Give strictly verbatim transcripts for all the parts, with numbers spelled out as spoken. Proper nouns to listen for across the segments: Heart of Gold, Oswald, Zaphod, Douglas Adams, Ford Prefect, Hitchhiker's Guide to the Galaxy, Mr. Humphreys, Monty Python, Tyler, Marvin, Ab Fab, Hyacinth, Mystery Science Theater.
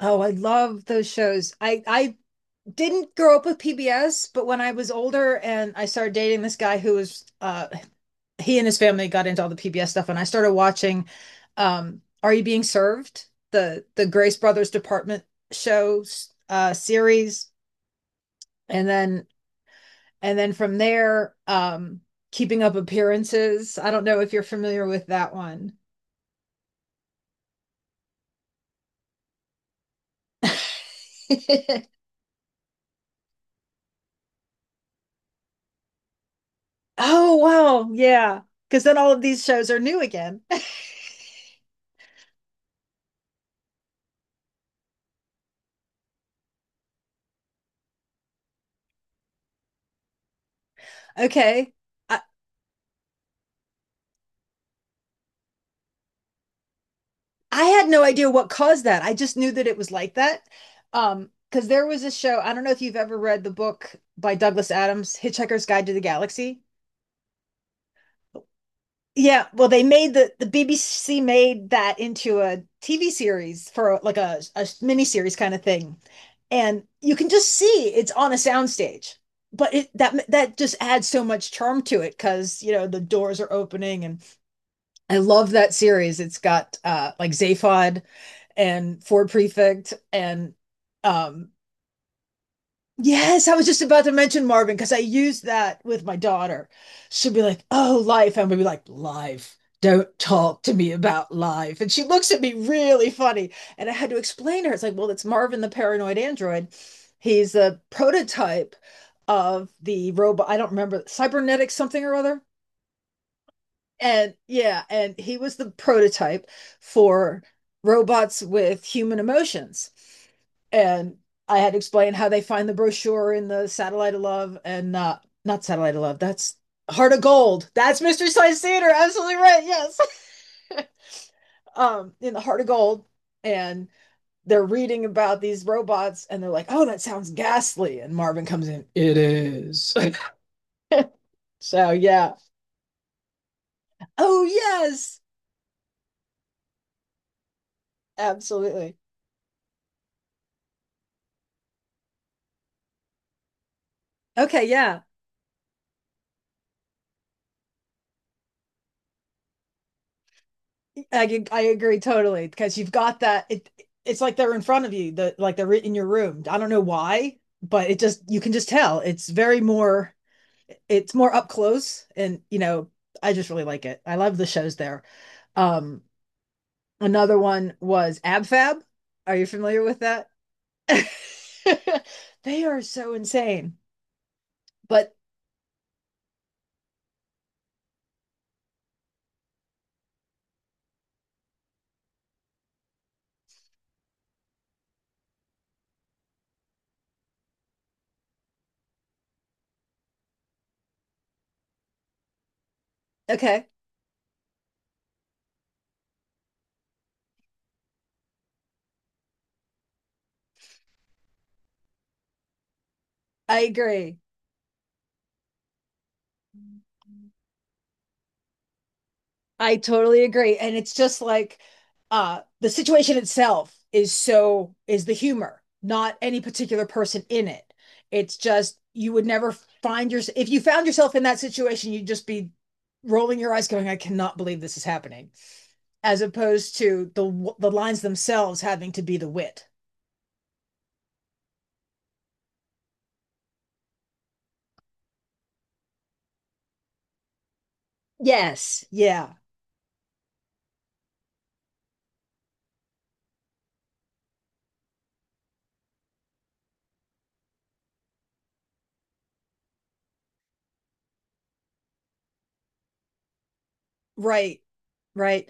Oh, I love those shows. I I didn't grow up with P B S, but when I was older and I started dating this guy who was uh he and his family got into all the P B S stuff, and I started watching um Are You Being Served? The the Grace Brothers Department shows, uh series. And then and then from there, um Keeping Up Appearances. I don't know if you're familiar with that one. Oh, wow. Yeah. Because then all of these shows are new again. Okay. I, I had no idea what caused that. I just knew that it was like that. Um, because there was a show, I don't know if you've ever read the book by Douglas Adams, Hitchhiker's Guide to the Galaxy. Yeah, well, they made the the B B C made that into a T V series for like a, a mini series kind of thing. And you can just see it's on a soundstage. But it that that just adds so much charm to it because, you know, the doors are opening and I love that series. It's got uh like Zaphod and Ford Prefect, and um yes, I was just about to mention Marvin because I used that with my daughter. She'll be like, "Oh, life," and we'll be like, "Life." Don't talk to me about life. And she looks at me really funny. And I had to explain to her, it's like, well, it's Marvin the paranoid android. He's a prototype of the robot. I don't remember, cybernetic something or other. And yeah, and he was the prototype for robots with human emotions. And I had explained how they find the brochure in the Satellite of Love, and uh, not Satellite of Love. That's Heart of Gold. That's Mystery Science Theater. Absolutely right. Yes. Um, in the Heart of Gold, and they're reading about these robots, and they're like, "Oh, that sounds ghastly." And Marvin comes in. It is. So yeah. Oh yes, absolutely. Okay, yeah. I I agree totally because you've got that, it it's like they're in front of you, the like they're in your room. I don't know why, but it just you can just tell. It's very more, it's more up close, and you know, I just really like it. I love the shows there. Um Another one was Ab Fab. Are you familiar with that? They are so insane. But okay, I agree. I totally agree. And it's just like uh the situation itself is so is the humor, not any particular person in it. It's just you would never find yourself, if you found yourself in that situation, you'd just be rolling your eyes going, I cannot believe this is happening, as opposed to the the lines themselves having to be the wit. Yes. Yeah, right. Right.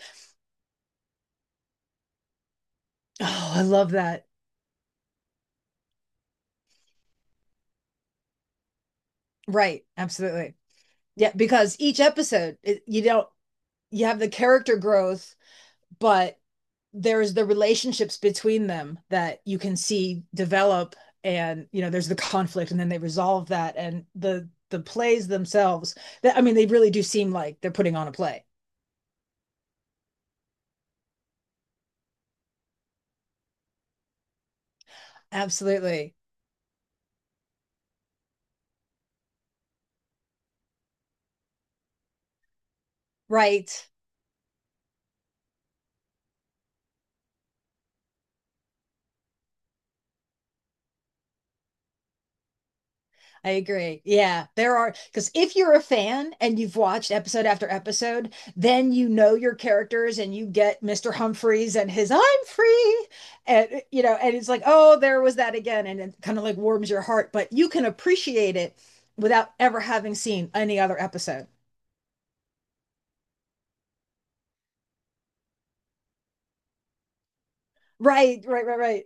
Oh, I love that. Right. Absolutely. Yeah, because each episode it, you don't, you have the character growth, but there's the relationships between them that you can see develop, and you know there's the conflict and then they resolve that, and the the plays themselves, that I mean they really do seem like they're putting on a play. Absolutely right. I agree. Yeah, there are, because if you're a fan and you've watched episode after episode, then you know your characters and you get mister Humphreys and his "I'm free," and you know, and it's like, oh, there was that again, and it kind of like warms your heart. But you can appreciate it without ever having seen any other episode. Right, right, right, right.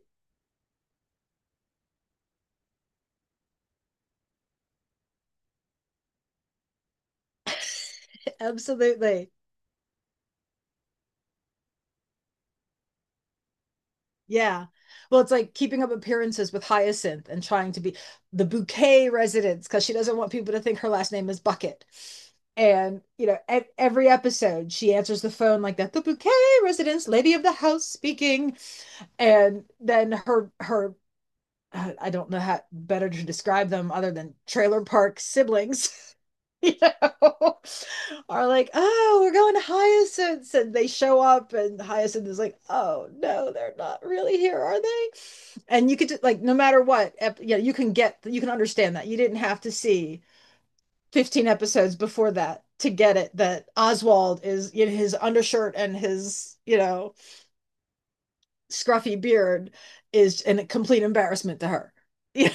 Absolutely. Yeah. Well, it's like Keeping Up Appearances with Hyacinth and trying to be the Bouquet residence because she doesn't want people to think her last name is Bucket. And, you know, at every episode, she answers the phone like that, the Bouquet residence, lady of the house speaking. And then her her uh, I don't know how better to describe them other than trailer park siblings. You know, are like, oh, we're going to Hyacinth's, and they show up, and Hyacinth is like, oh no, they're not really here, are they? And you could like, no matter what, ep- you know, you can get, you can understand that you didn't have to see fifteen episodes before that to get it that Oswald is in his undershirt and his, you know, scruffy beard is a complete embarrassment to her. Yeah,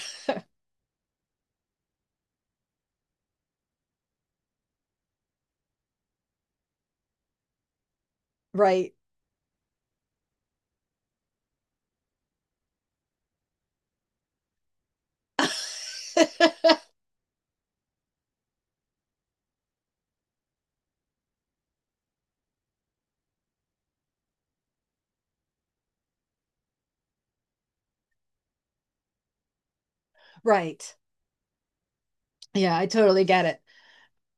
right. Right. Yeah, I totally get it.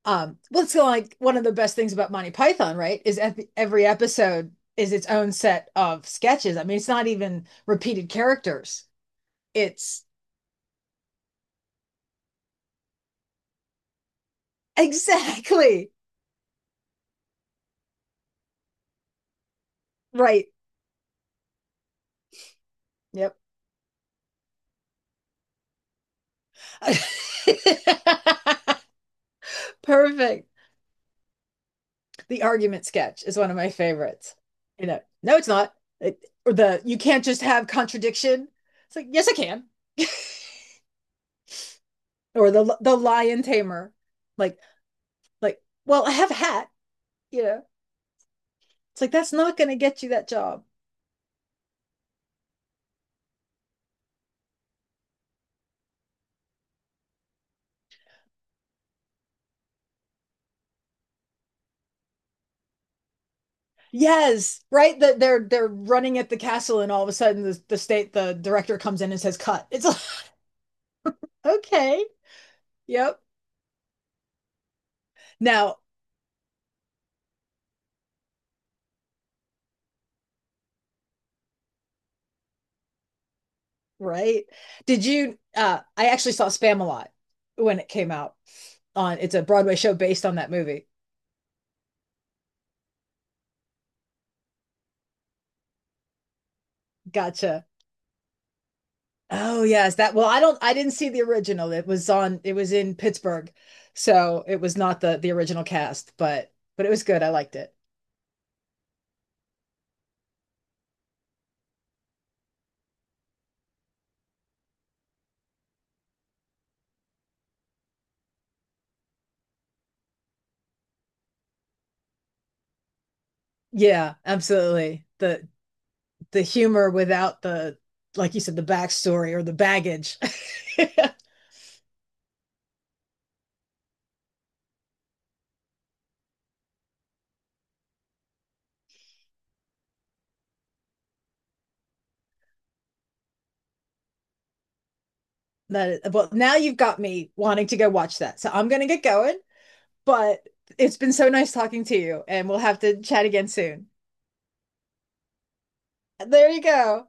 Um, well, it's like one of the best things about Monty Python, right? Is ev- every episode is its own set of sketches. I mean, it's not even repeated characters. It's exactly right. Yep. Perfect. The argument sketch is one of my favorites. You know, no, it's not. It, or the you can't just have contradiction. It's like, yes, I can. Or the the lion tamer. Like, Like, well, I have a hat, you know. It's like that's not going to get you that job. Yes, right. That they're they're running at the castle, and all of a sudden the, the state the director comes in and says cut. It's like okay, yep. Now, right? Did you? Uh, I actually saw Spam a lot when it came out. On it's a Broadway show based on that movie. Gotcha. Oh yes, that. Well, I don't. I didn't see the original. It was on. It was in Pittsburgh, so it was not the the original cast, but but it was good. I liked it. Yeah, absolutely. The the humor without the, like you said, the backstory or the baggage. That is, well, now you've got me wanting to go watch that. So I'm gonna get going, but it's been so nice talking to you, and we'll have to chat again soon. There you go.